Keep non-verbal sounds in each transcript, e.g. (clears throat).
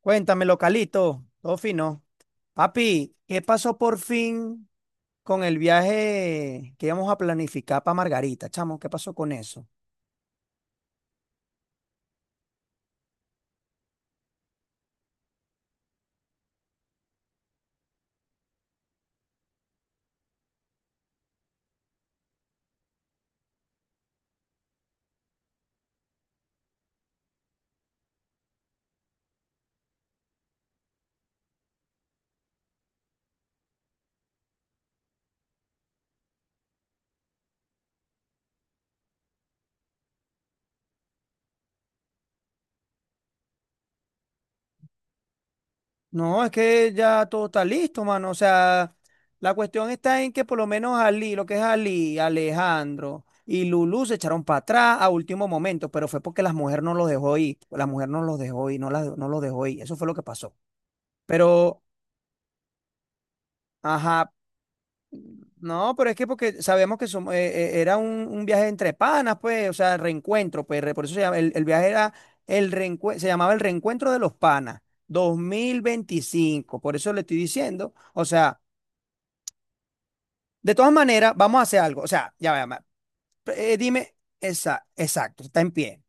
Cuéntame, localito, todo fino. Papi, ¿qué pasó por fin con el viaje que íbamos a planificar para Margarita, chamo? ¿Qué pasó con eso? No, es que ya todo está listo, mano. O sea, la cuestión está en que por lo menos Ali, lo que es Ali, Alejandro y Lulú se echaron para atrás a último momento, pero fue porque las mujeres no los dejó ir. La mujer no los dejó ir, no, no los dejó ir. Eso fue lo que pasó. Pero, ajá, no, pero es que porque sabemos que somos, era un viaje entre panas, pues, o sea, reencuentro, pues, por eso se llama, el viaje era se llamaba el reencuentro de los panas, 2025, por eso le estoy diciendo, o sea, de todas maneras, vamos a hacer algo, o sea, ya va, dime, esa, exacto, está en pie.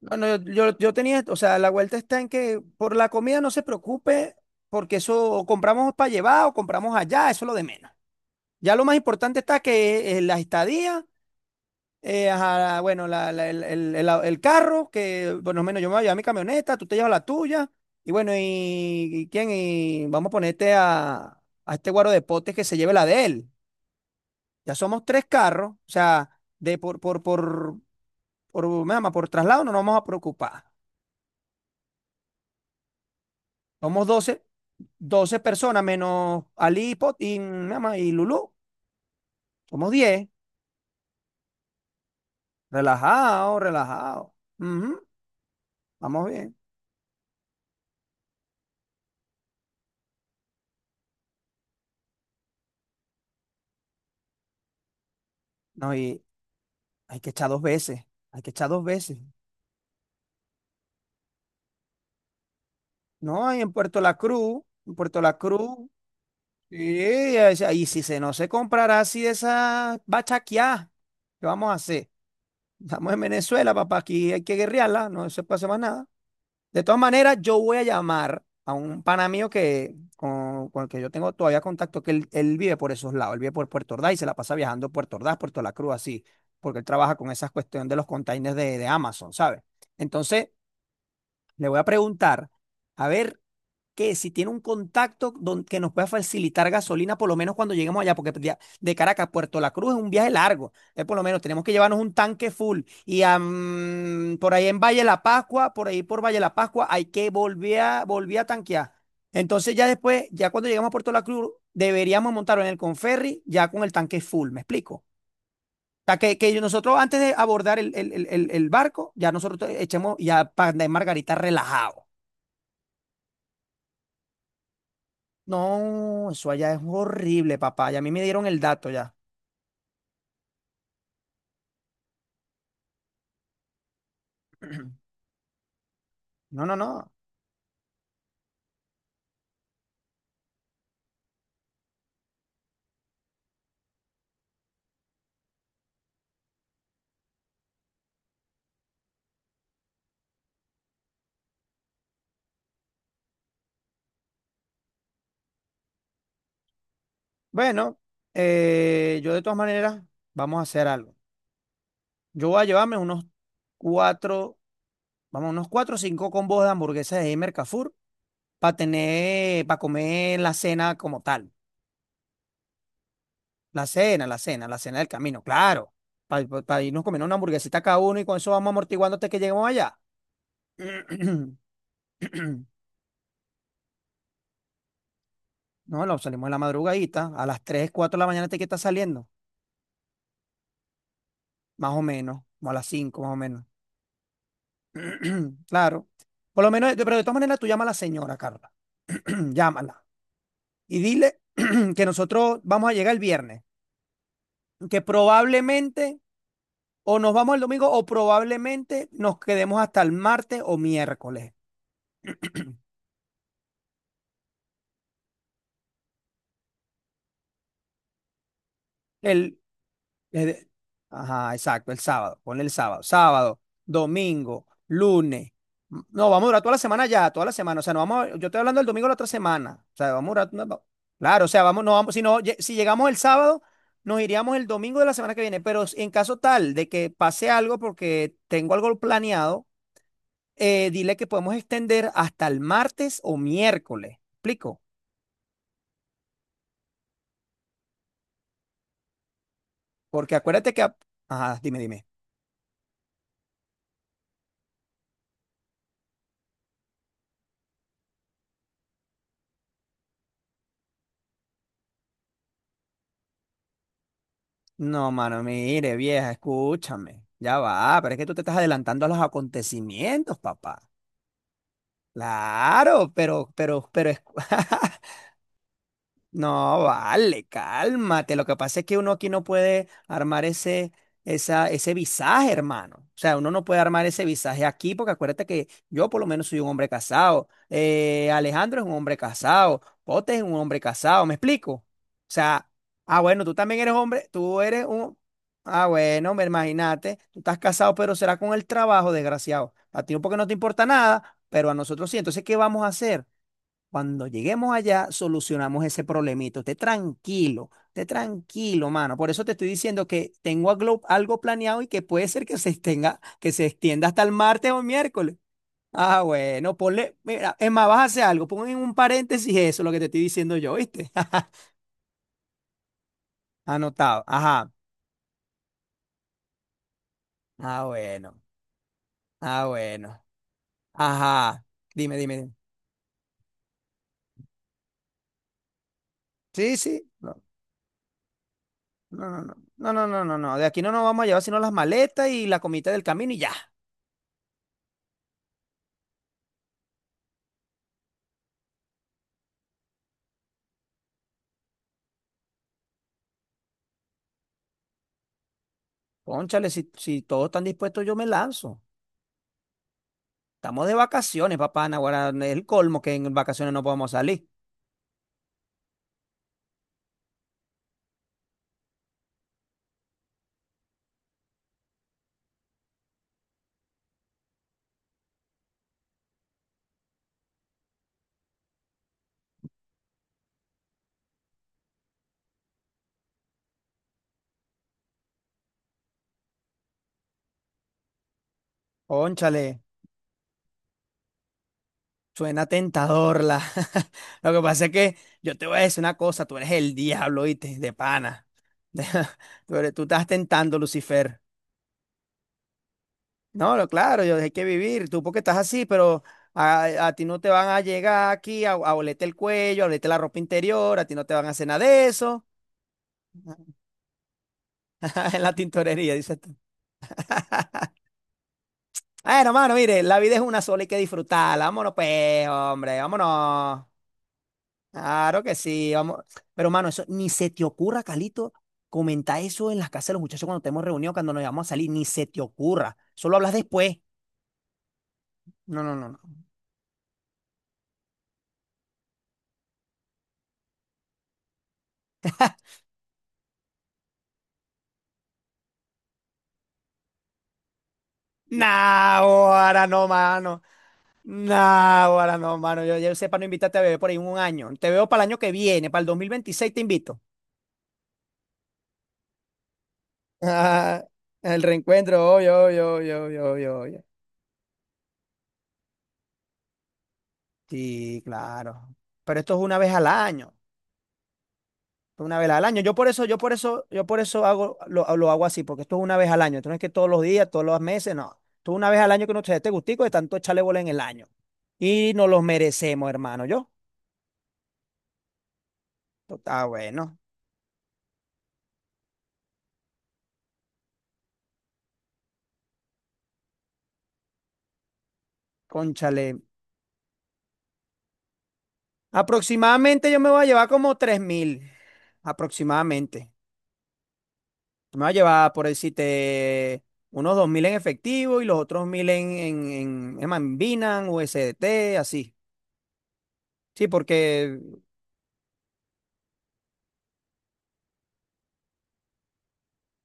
No, no, yo tenía, o sea, la vuelta está en que por la comida no se preocupe, porque eso o compramos para llevar o compramos allá, eso es lo de menos. Ya lo más importante está que la estadía. Ajá, bueno, el- el- carro, que bueno, menos yo me voy a llevar mi camioneta, tú te llevas la tuya, y bueno, y quién, y vamos a ponerte a este guaro de potes que se lleve la de él. Ya somos tres carros, o sea, de me llama, por traslado no nos vamos a preocupar. Somos 12. 12 personas menos Ali, Pot y, me llama, y Lulú. Somos 10. Relajado, relajado. Ujú. Vamos bien. No, y hay que echar dos veces. Hay que echar dos veces. No, ahí en Puerto La Cruz, en Puerto La Cruz, sí, ahí sí, ahí sí se, no se comprará así de esa bachaquiá, ¿qué vamos a hacer? Estamos en Venezuela, papá, aquí hay que guerrearla, no se puede hacer más nada. De todas maneras, yo voy a llamar a un pana mío que, con el que yo tengo todavía contacto, que él vive por esos lados, él vive por Puerto Ordaz y se la pasa viajando Puerto Ordaz, Puerto La Cruz, así, porque él trabaja con esas cuestión de los containers de Amazon, ¿sabes? Entonces, le voy a preguntar, a ver que si tiene un contacto que nos pueda facilitar gasolina, por lo menos cuando lleguemos allá, porque de Caracas a Puerto La Cruz es un viaje largo. Entonces, por lo menos tenemos que llevarnos un tanque full. Y por ahí en Valle La Pascua, por ahí por Valle La Pascua, hay que volver a tanquear. Entonces, ya después, ya cuando llegamos a Puerto La Cruz, deberíamos montarlo en el Conferry ya con el tanque full. ¿Me explico? O sea, que nosotros antes de abordar el barco, ya nosotros echemos ya para andar en Margarita relajado. No, eso allá es horrible, papá. Y a mí me dieron el dato ya. (clears throat) No, no, no. Bueno, yo de todas maneras, vamos a hacer algo. Yo voy a llevarme unos cuatro, vamos, unos cuatro o cinco combos de hamburguesas de Mercafur para tener, para comer la cena como tal. La cena del camino, claro. Para irnos comiendo una hamburguesita cada uno y con eso vamos amortiguando hasta que lleguemos allá. (clears throat) No, no, salimos en la madrugadita. A las 3, 4 de la mañana te que está saliendo. Más o menos, como a las cinco más o menos. (clears throat) Claro. Por lo menos, pero de todas maneras tú llama a la señora, Carla. (clears throat) Llámala. Y dile (clears throat) que nosotros vamos a llegar el viernes. Que probablemente o nos vamos el domingo o probablemente nos quedemos hasta el martes o miércoles. El, Es de- Ajá, exacto, el sábado, ponle el sábado, sábado, domingo, lunes. No, vamos a durar toda la semana ya, toda la semana. O sea, no vamos, yo estoy hablando del domingo de la otra semana. O sea, vamos a durar, no, no. Claro, o sea, vamos, no vamos, si no, si llegamos el sábado, nos iríamos el domingo de la semana que viene. Pero en caso tal de que pase algo porque tengo algo planeado, dile que podemos extender hasta el martes o miércoles. ¿Explico? Porque acuérdate que, ajá, dime, dime. No, mano, mire, vieja, escúchame. Ya va, pero es que tú te estás adelantando a los acontecimientos, papá. Claro, pero, (laughs) No, vale, cálmate. Lo que pasa es que uno aquí no puede armar ese, esa, ese visaje, hermano. O sea, uno no puede armar ese visaje aquí porque acuérdate que yo por lo menos soy un hombre casado. Alejandro es un hombre casado. Pote es un hombre casado, ¿me explico? O sea, ah, bueno, tú también eres hombre, tú eres un... Ah, bueno, me imagínate, tú estás casado, pero será con el trabajo, desgraciado. A ti no, porque no te importa nada, pero a nosotros sí. Entonces, ¿qué vamos a hacer? Cuando lleguemos allá, solucionamos ese problemito. Esté tranquilo, mano. Por eso te estoy diciendo que tengo algo, planeado y que puede ser que se extenga, que se extienda hasta el martes o el miércoles. Ah, bueno, ponle, mira, es más, vas a hacer algo, pon en un paréntesis eso, lo que te estoy diciendo yo, ¿viste? (laughs) Anotado. Ajá. Ah, bueno. Ah, bueno. Ajá. Dime, dime, dime. Sí, sí. No, no, no, no, no, no, no, no. No, de aquí no nos vamos a llevar sino las maletas y la comida del camino y ya. Cónchale, si todos están dispuestos, yo me lanzo. Estamos de vacaciones, papá Naguará. Es el colmo que en vacaciones no podemos salir. Cónchale, suena tentador la. (laughs) Lo que pasa es que yo te voy a decir una cosa, tú eres el diablo, ¿viste? De pana. (laughs) Tú estás tentando, Lucifer. No, claro, yo hay que vivir. Tú porque estás así, pero a ti no te van a llegar aquí a olerte el cuello, a olerte la ropa interior, a ti no te van a hacer nada de eso. (laughs) En la tintorería, dices tú. Bueno, hermano, mire, la vida es una sola y hay que disfrutarla. Vámonos, pues, hombre, vámonos. Claro que sí, vamos. Pero, mano, eso ni se te ocurra, Calito, comentar eso en las casas de los muchachos cuando estemos reunidos, cuando nos vamos a salir, ni se te ocurra. Solo hablas después. No, no, no, no. Nah, ahora no, mano. Nah, ahora no, mano. Yo sé para no invitarte a beber por ahí un año. Te veo para el año que viene, para el 2026 te invito. (laughs) Ah, el reencuentro, yo. Sí, claro. Pero esto es una vez al año. Esto es una vez al año. Yo por eso, yo por eso, yo por eso hago, lo hago así, porque esto es una vez al año. Esto no es que todos los días, todos los meses, no. Esto es una vez al año que nos te dé este gustico de tanto echarle bola en el año. Y nos los merecemos, hermano. Yo. Esto está bueno. Cónchale. Aproximadamente yo me voy a llevar como 3.000. Aproximadamente. Me voy a llevar, por decirte, unos 2.000 en efectivo y los otros 1.000 en Binance, USDT, así. Sí, porque,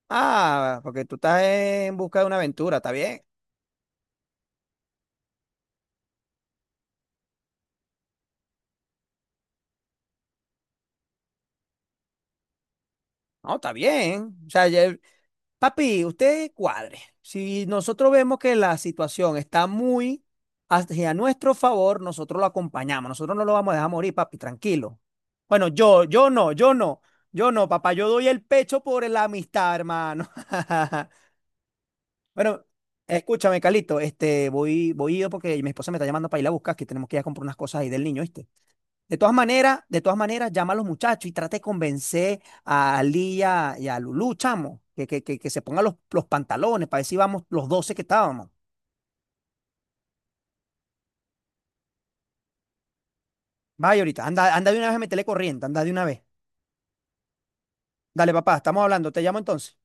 ah, porque tú estás en busca de una aventura, está bien. No, está bien. O sea, papi, usted cuadre. Si nosotros vemos que la situación está muy hacia nuestro favor, nosotros lo acompañamos. Nosotros no lo vamos a dejar morir, papi, tranquilo. Bueno, yo no, papá, yo doy el pecho por la amistad, hermano. (laughs) Bueno, escúchame, Calito, este, voy yo porque mi esposa me está llamando para ir a buscar, que tenemos que ir a comprar unas cosas ahí del niño, ¿viste? De todas maneras, llama a los muchachos y trata de convencer a Lía y a Lulú, chamo, que se pongan los pantalones para ver si vamos los 12 que estábamos. Vaya ahorita, anda, anda de una vez a meterle corriente, anda de una vez. Dale, papá, estamos hablando, te llamo entonces.